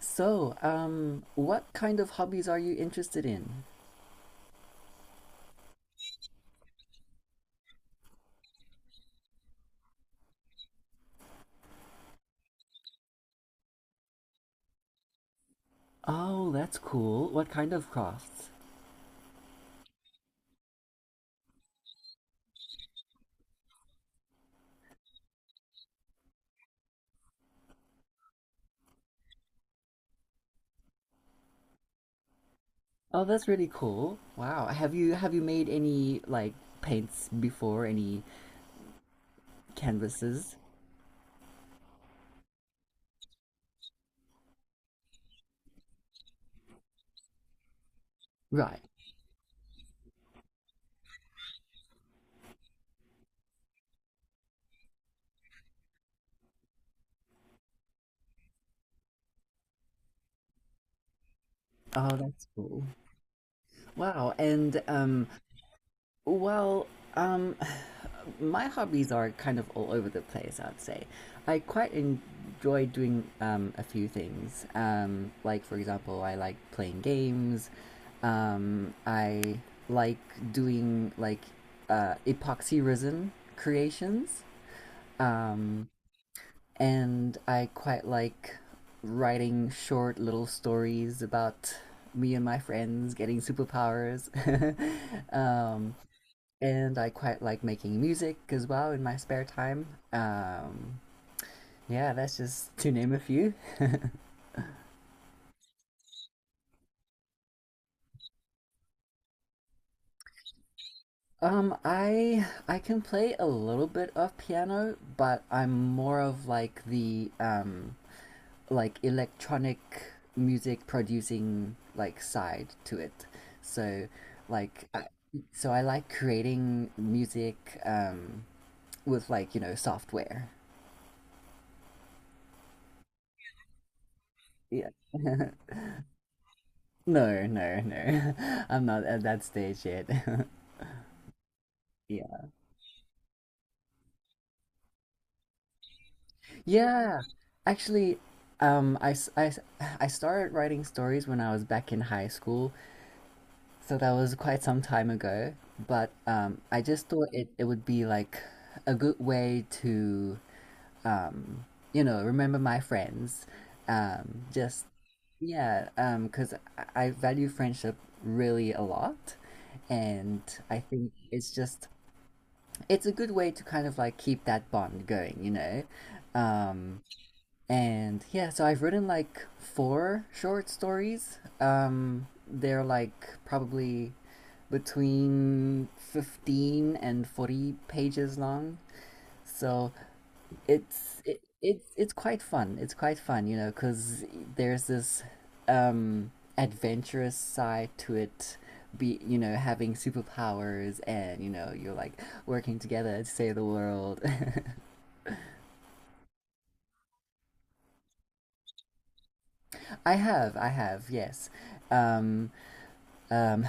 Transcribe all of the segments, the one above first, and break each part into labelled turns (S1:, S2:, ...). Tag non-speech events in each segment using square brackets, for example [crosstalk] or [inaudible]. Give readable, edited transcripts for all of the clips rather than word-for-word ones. S1: So, what kind of hobbies are you interested in? Oh, that's cool. What kind of crafts? Oh, that's really cool. Wow. Have you made any like paints before, any canvases? Right. Oh, that's cool. Wow. And. Well, um, [sighs] my hobbies are kind of all over the place, I'd say. I quite enjoy doing a few things. Like, for example, I like playing games. I like doing like epoxy resin creations. Um, and I quite like writing short little stories about me and my friends getting superpowers. [laughs] um, and I quite like making music as well in my spare time. Yeah, that's just to name a few. I can play a little bit of piano, but I'm more of like the like electronic music producing like side to it. So like I, so I like creating music with like software. Yeah. [laughs] No, no, no. [laughs] I'm not at that stage yet. [laughs] Yeah. Yeah. Actually, um, I, s- I s- [sighs] I started writing stories when I was back in high school, so that was quite some time ago. But I just thought it would be like a good way to, um, remember my friends. Just, yeah, 'cause I value friendship really a lot. And I think it's just, it's a good way to kind of like keep that bond going, you know? Um, And yeah, so I've written like four short stories. They're like probably between 15 and 40 pages long. So it's quite fun. It's quite fun, cuz there's this um adventurous side to it be having superpowers and you're like working together to save the world. [laughs] I have, yes. um um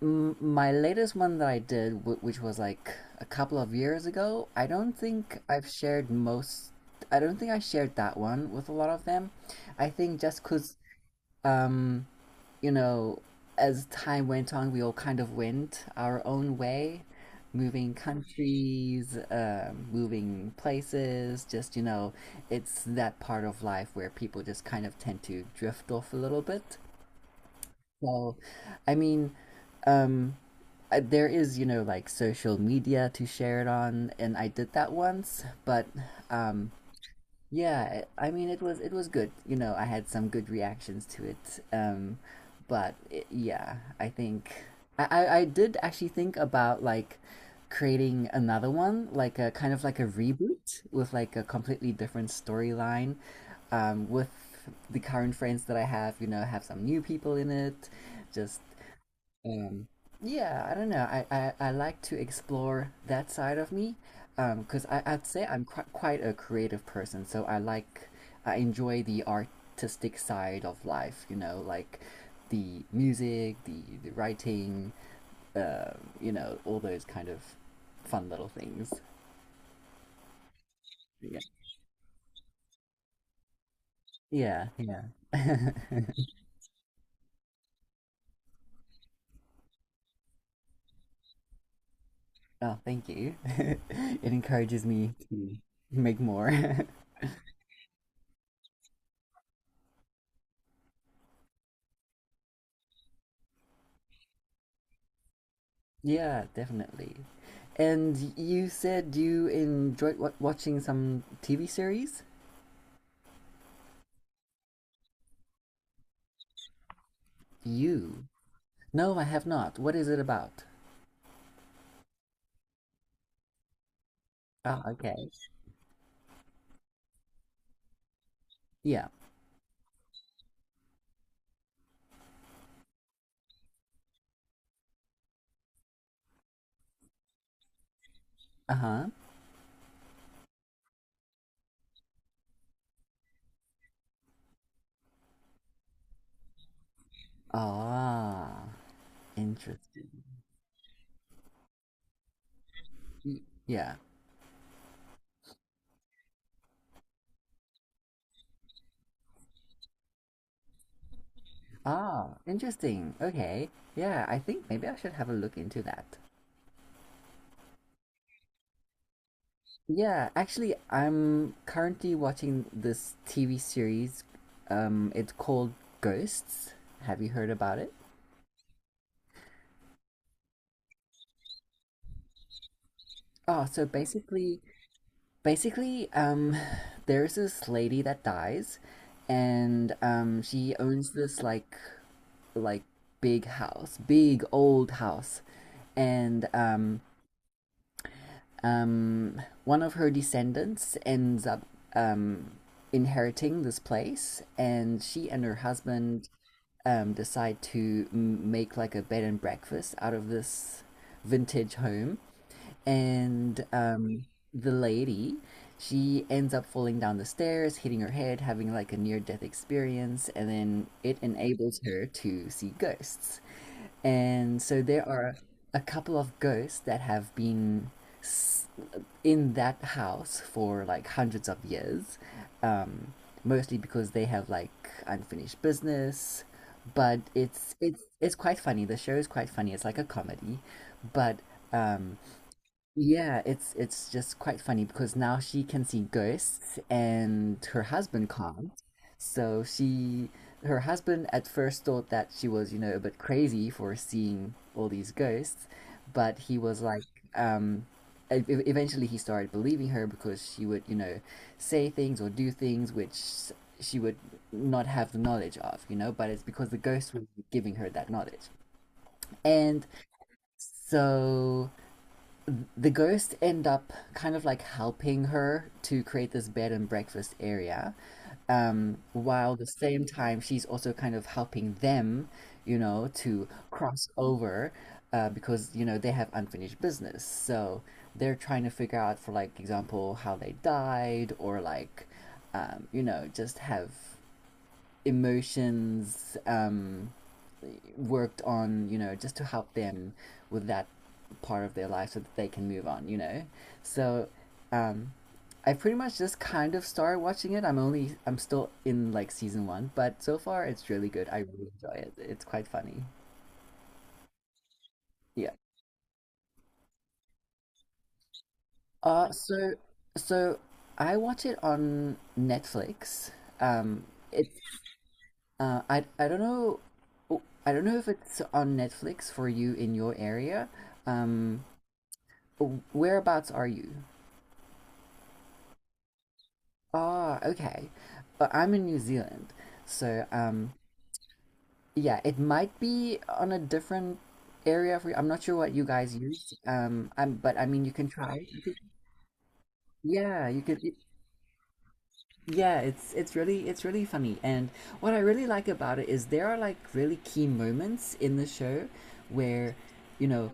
S1: my latest one that I did, which was like a couple of years ago, I don't think I've shared most. I don't think I shared that one with a lot of them. I think just because, um, you know, as time went on, we all kind of went our own way, moving countries, moving places. Just, it's that part of life where people just kind of tend to drift off a little bit. So, I mean, um, there is, like social media to share it on, and I did that once, but um, yeah, I mean it was good. You know, I had some good reactions to it. But yeah, I think I did actually think about like creating another one, like a kind of like a reboot with like a completely different storyline, with the current friends that I have. You know, have some new people in it, just um, yeah, I don't know. I like to explore that side of me, because I'd say I'm qu quite a creative person, so I enjoy the artistic side of life, you know, like the music, the writing, uh, you know, all those kind of fun little things. Yeah, yeah, yeah. [laughs] Oh, thank you. [laughs] It encourages me to make more. [laughs] Yeah, definitely. And you said you enjoyed wa watching some TV series? You? No, I have not. What is it about? Oh, okay. Yeah. Uh-huh. Ah, interesting. Y- Yeah. Ah, interesting. Okay. Yeah, I think maybe I should have a look into that. Yeah, actually, I'm currently watching this TV series. It's called Ghosts. Have you heard about it? Oh, so basically, basically, um, there's this lady that dies, and she owns this like big house, big old house, and one of her descendants ends up um, inheriting this place, and she and her husband decide to make like a bed and breakfast out of this vintage home. And the lady, she ends up falling down the stairs, hitting her head, having like a near death experience, and then it enables her to see ghosts. And so there are a couple of ghosts that have been s- in that house for like hundreds of years, um, mostly because they have like unfinished business. But it's quite funny. The show is quite funny. It's like a comedy, but um, yeah, it's just quite funny because now she can see ghosts and her husband can't. So she her husband at first thought that she was a bit crazy for seeing all these ghosts, but he was like um e- e- eventually he started believing her because she would say things or do things which she would not have the knowledge of but it's because the ghost was giving her that knowledge. And so the ghosts end up kind of like helping her to create this bed and breakfast area, while the same time she's also kind of helping them to cross over, because they have unfinished business. So they're trying to figure out, for like example, how they died or like, just have emotions worked on, just to help them with that part of their life so that they can move on, you know? So um, I pretty much just kind of started watching it. I'm still in like season one, but so far it's really good. I really enjoy it. It's quite funny. Yeah. Uh, so, so, I watch it on Netflix. Um, it I don't know. Oh, I don't know if it's on Netflix for you in your area. Um, Whereabouts are you? Ah, okay. But I'm in New Zealand, so yeah, it might be on a different area for you. I'm not sure what you guys use. I'm but I mean you can try. You could, yeah, you could. Yeah, it's really it's really funny. And what I really like about it is there are like really key moments in the show where, you know,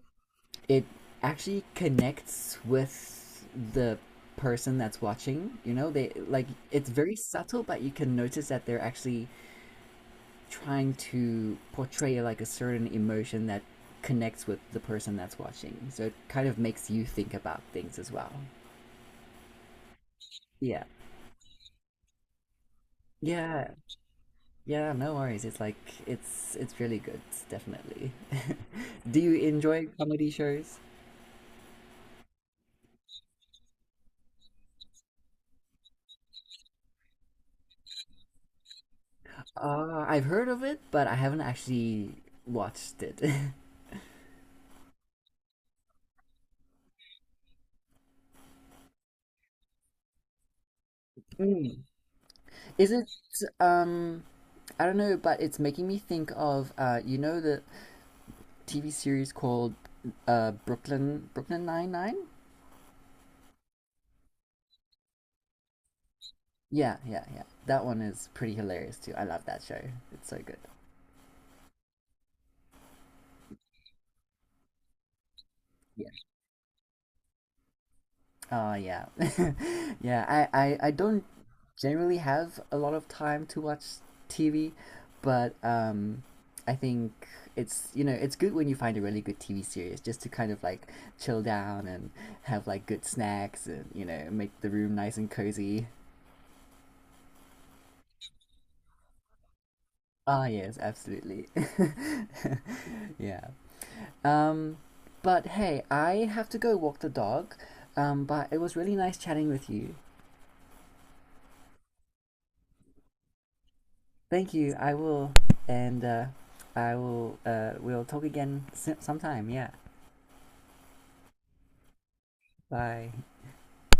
S1: it actually connects with the person that's watching. You know, they like it's very subtle, but you can notice that they're actually trying to portray like a certain emotion that connects with the person that's watching. So it kind of makes you think about things as well. Yeah. Yeah. Yeah, no worries. It's like it's really good, definitely. [laughs] Do you enjoy comedy shows? I've heard of it, but I haven't actually watched it. [laughs] Mm. Is it? Um, I don't know, but it's making me think of you know the TV series called Brooklyn Nine Nine. Yeah, yeah, yeah. That one is pretty hilarious too. I love that show. It's so good. Yeah. Oh yeah, [laughs] yeah. I don't generally have a lot of time to watch TV, but I think it's good when you find a really good TV series just to kind of like chill down and have like good snacks and make the room nice and cozy. Ah yes, absolutely. [laughs] Yeah. Um, but hey, I have to go walk the dog. But it was really nice chatting with you. Thank you. I will, and I will. We'll talk again sometime. Yeah. Bye.